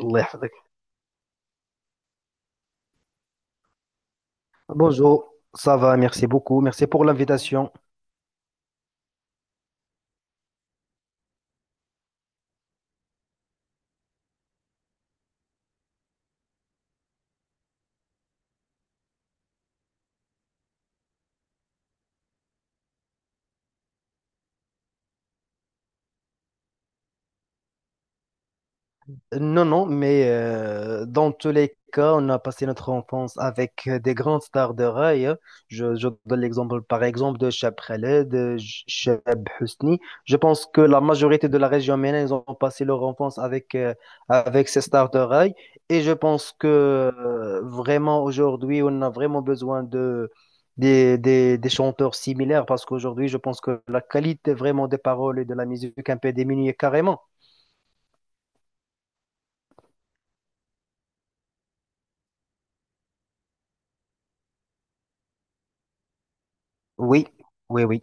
Allah yahfadak. Bonjour, ça va, merci beaucoup. Merci pour l'invitation. Non, non, mais dans tous les cas, on a passé notre enfance avec des grandes stars de rail, hein. Je donne l'exemple, par exemple, de Cheb Khaled, de Cheb Husni. Je pense que la majorité de la région MENA, ils ont passé leur enfance avec, avec ces stars de rail. Et je pense que vraiment, aujourd'hui, on a vraiment besoin de, des chanteurs similaires parce qu'aujourd'hui, je pense que la qualité vraiment des paroles et de la musique est un peu diminuée carrément. Oui, oui, oui.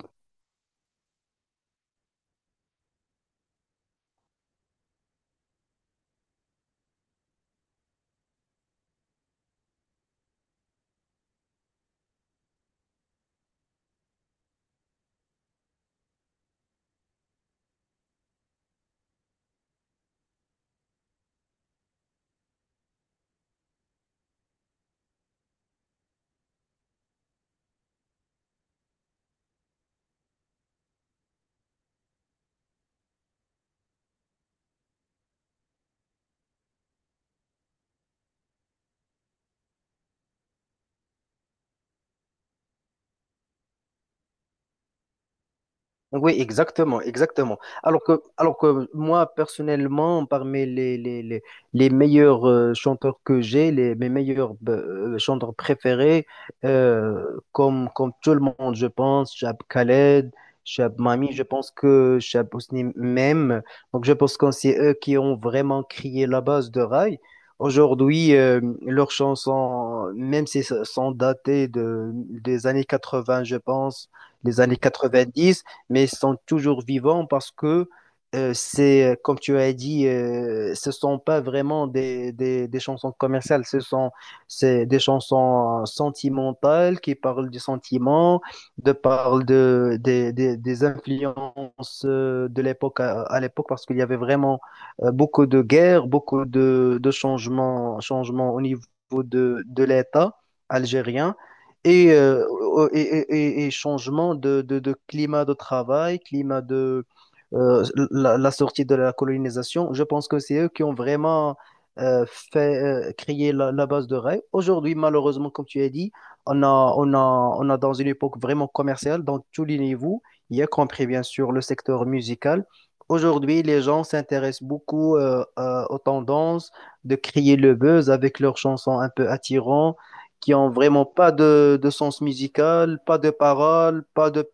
Oui, exactement, exactement. Alors que moi, personnellement, parmi les meilleurs chanteurs que j'ai, les, mes meilleurs chanteurs préférés, euh, comme, comme tout le monde, je pense, Chab Khaled, Chab Mami, je pense que Chab Ousni même. Donc, je pense que c'est eux qui ont vraiment créé la base de Rai. Aujourd'hui, leurs chansons, même si elles sont datées des années 80, je pense, les années quatre-vingt-dix, mais ils sont toujours vivants parce que c'est, comme tu as dit, ce sont pas vraiment des chansons commerciales, ce sont c'est des chansons sentimentales qui parlent du sentiment, de parlent de, des influences de l'époque à l'époque, parce qu'il y avait vraiment beaucoup de guerres, beaucoup de changements, changements au niveau de l'État algérien et, et changement de climat de travail, climat de euh, la, la sortie de la colonisation. Je pense que c'est eux qui ont vraiment euh, fait créer la, la base de rêve. Aujourd'hui, malheureusement, comme tu as dit, on a, on a, on a dans une époque vraiment commerciale, dans tous les niveaux, y compris bien sûr le secteur musical. Aujourd'hui, les gens s'intéressent beaucoup aux tendances de créer le buzz avec leurs chansons un peu attirantes qui ont vraiment pas de, de sens musical, pas de paroles, pas de,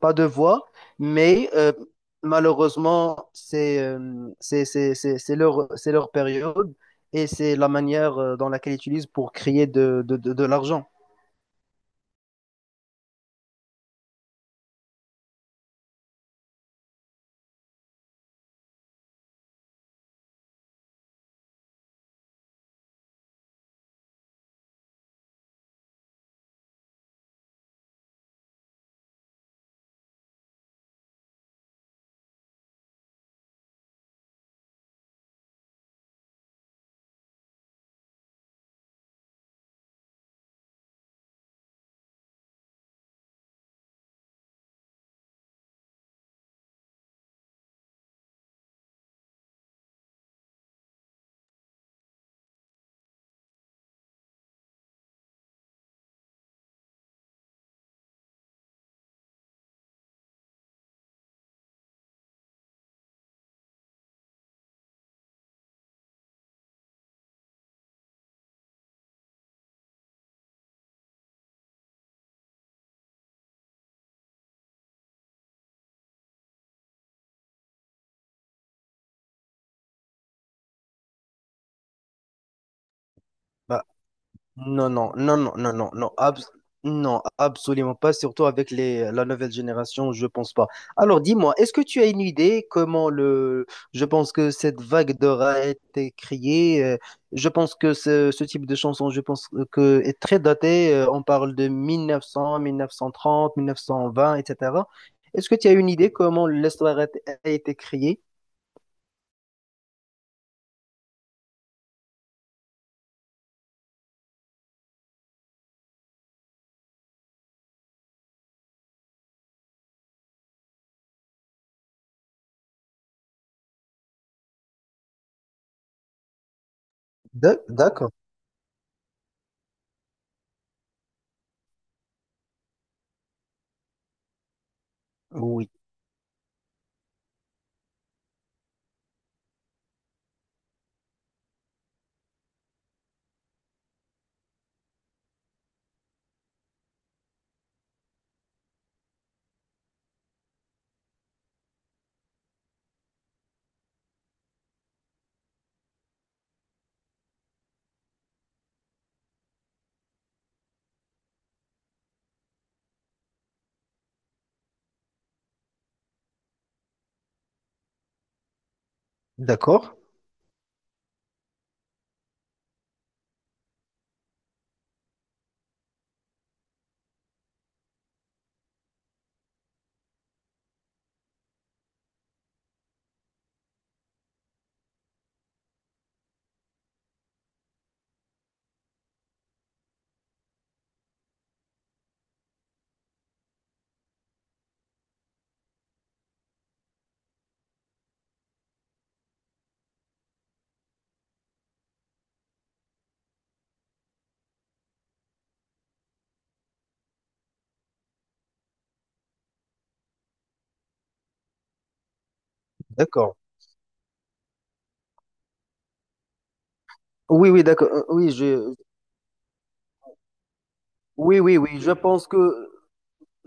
pas de voix, mais malheureusement, c'est c'est leur période et c'est la manière dans laquelle ils utilisent pour créer de l'argent. Bah, Non, non, non, non, non, non, non, non, absolument pas, surtout avec les, la nouvelle génération, je pense pas. Alors dis-moi, est-ce que tu as une idée comment je pense que cette vague d'or a été créée, je pense que ce type de chanson, je pense que est très daté, on parle de 1900, 1930, 1920, etc. Est-ce que tu as une idée comment l'histoire a, a été créée? D'accord. Oui, d'accord, d'accord. Oui, oui, d'accord. Oui, je, oui, oui, oui, je pense que,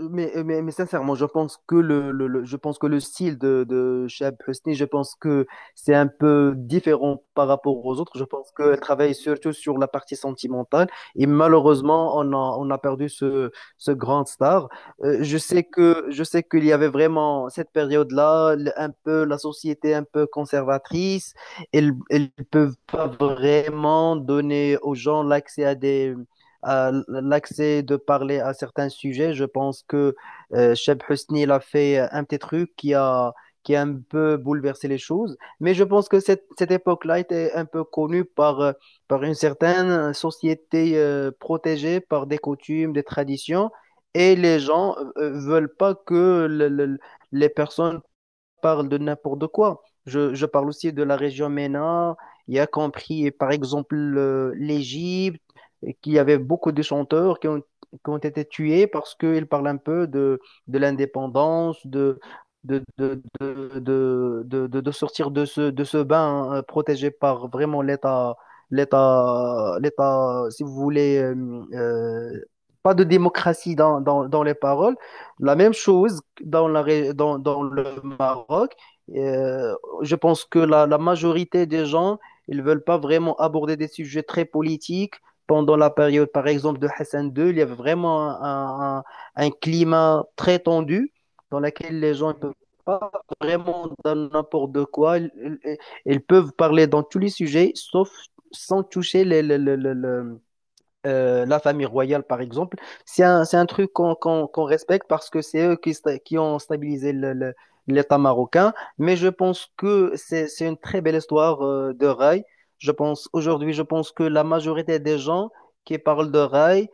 mais sincèrement, je pense que je pense que le style de Shab Hosni, je pense que c'est un peu différent par rapport aux autres. Je pense qu'elle travaille surtout sur la partie sentimentale et malheureusement, on a perdu ce, ce grand star. Je sais que, je sais qu'il y avait vraiment cette période-là, un peu la société un peu conservatrice. Elles, elles peuvent pas vraiment donner aux gens l'accès à des l'accès de parler à certains sujets. Je pense que Cheb Husni il a fait un petit truc qui a un peu bouleversé les choses. Mais je pense que cette, cette époque-là était un peu connue par, par une certaine société protégée par des coutumes, des traditions. Et les gens veulent pas que les personnes parle de n'importe quoi. Je parle aussi de la région MENA, y a compris par exemple l'Égypte, et qu'il y avait beaucoup de chanteurs qui ont été tués parce qu'ils parlent un peu de l'indépendance, de sortir de ce bain protégé par vraiment l'État, l'État, si vous voulez, euh, pas de démocratie dans les paroles, la même chose dans dans le Maroc. Euh, je pense que la majorité des gens, ils veulent pas vraiment aborder des sujets très politiques. Pendant la période, par exemple, de Hassan II, il y avait vraiment un climat très tendu dans lequel les gens ne peuvent pas vraiment dans n'importe de quoi. Ils peuvent parler dans tous les sujets, sauf sans toucher la famille royale, par exemple, c'est un truc qu'on respecte parce que c'est eux qui ont stabilisé l'État marocain. Mais je pense que c'est une très belle histoire de rail. Je pense, aujourd'hui, je pense que la majorité des gens qui parlent de rail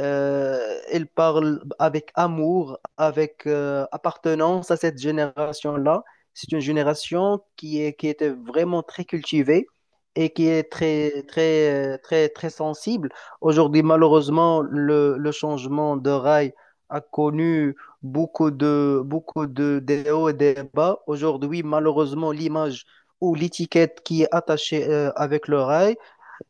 il parle avec amour, avec appartenance à cette génération-là. C'est une génération qui est, qui était vraiment très cultivée et qui est très, très, très, très sensible. Aujourd'hui, malheureusement, le changement de rail a connu beaucoup de, des hauts et des bas. Aujourd'hui, malheureusement, l'image ou l'étiquette qui est attachée avec le rail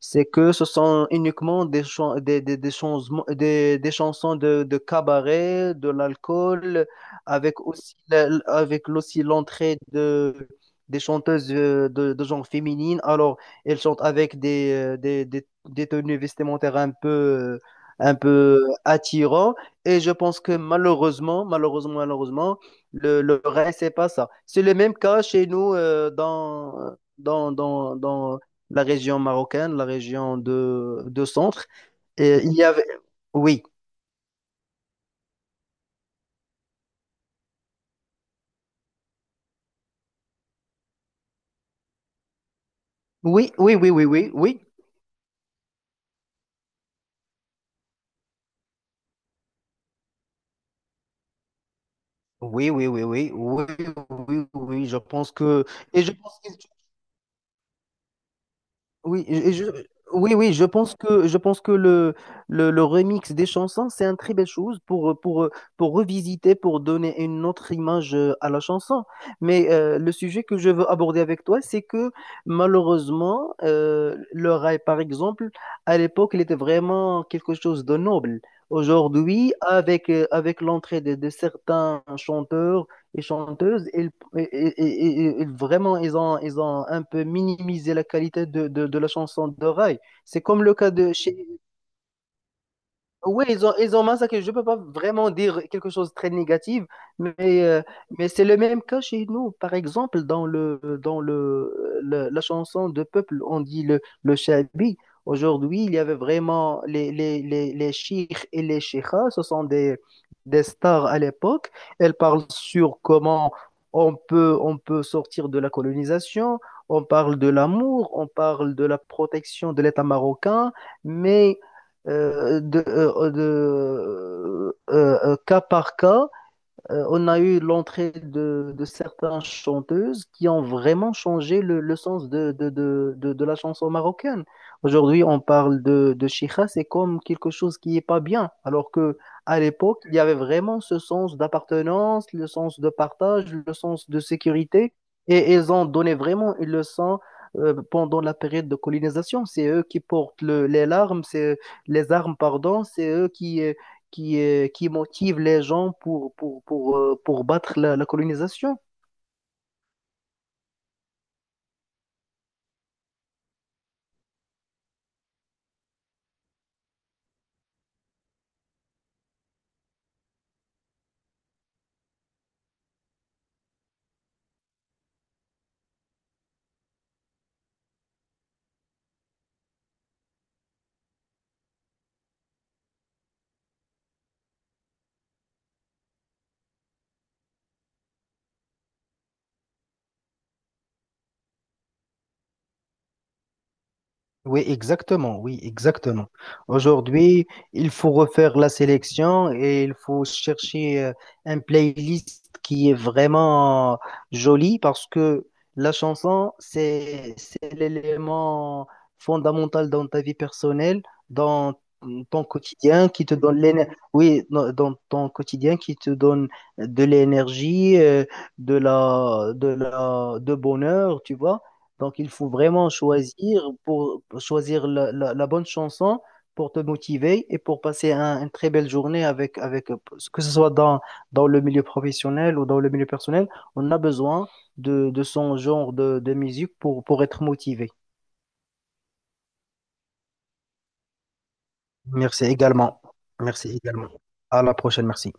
c'est que ce sont uniquement des, chan- des chansons de cabaret, de l'alcool, avec aussi, avec aussi l'entrée de, des chanteuses de genre féminine. Alors, elles chantent avec des, des tenues vestimentaires un peu attirants. Et je pense que malheureusement, le reste, c'est pas ça. C'est le même cas chez nous dans la région marocaine, la région de centre. Et il y avait, oui, oui, oui, oui, oui, oui, oui, oui, oui, oui, oui, oui, oui, oui, je pense que, et je pense qu'ils oui, et je, oui, oui, je pense que le remix des chansons, c'est une très belle chose pour revisiter, pour donner une autre image à la chanson. Mais le sujet que je veux aborder avec toi, c'est que malheureusement, le rail, par exemple, à l'époque, il était vraiment quelque chose de noble. Aujourd'hui, avec, avec l'entrée de certains chanteurs, et chanteuses, ils, et vraiment, ils ont un peu minimisé la qualité de la chanson d'oreille. C'est comme le cas de chez oui, ils ont massacré. Je ne peux pas vraiment dire quelque chose de très négatif, mais, euh, mais c'est le même cas chez nous. Par exemple, dans la chanson de peuple, on dit le Shabi. Aujourd'hui, il y avait vraiment les chiites et les cheikhs, ce sont des stars à l'époque. Elles parlent sur comment on peut sortir de la colonisation, on parle de l'amour, on parle de la protection de l'État marocain, mais cas par cas, on a eu l'entrée de certaines chanteuses qui ont vraiment changé le sens de la chanson marocaine. Aujourd'hui, on parle de chicha, c'est comme quelque chose qui n'est pas bien, alors que à l'époque, il y avait vraiment ce sens d'appartenance, le sens de partage, le sens de sécurité, et ils ont donné vraiment une leçon pendant la période de colonisation. C'est eux qui portent les larmes, c'est les armes, pardon, c'est eux qui motive les gens pour battre la, la colonisation. Oui, exactement, oui, exactement. Aujourd'hui, il faut refaire la sélection et il faut chercher un playlist qui est vraiment joli parce que la chanson, c'est l'élément fondamental dans ta vie personnelle, dans ton quotidien qui te donne l'énergie, oui, dans ton quotidien qui te donne de l'énergie, de bonheur, tu vois. Donc, il faut vraiment choisir pour choisir la, la bonne chanson pour te motiver et pour passer une très belle journée avec, avec que ce soit dans, dans le milieu professionnel ou dans le milieu personnel, on a besoin de son genre de musique pour être motivé. Merci également. Merci également. À la prochaine, merci.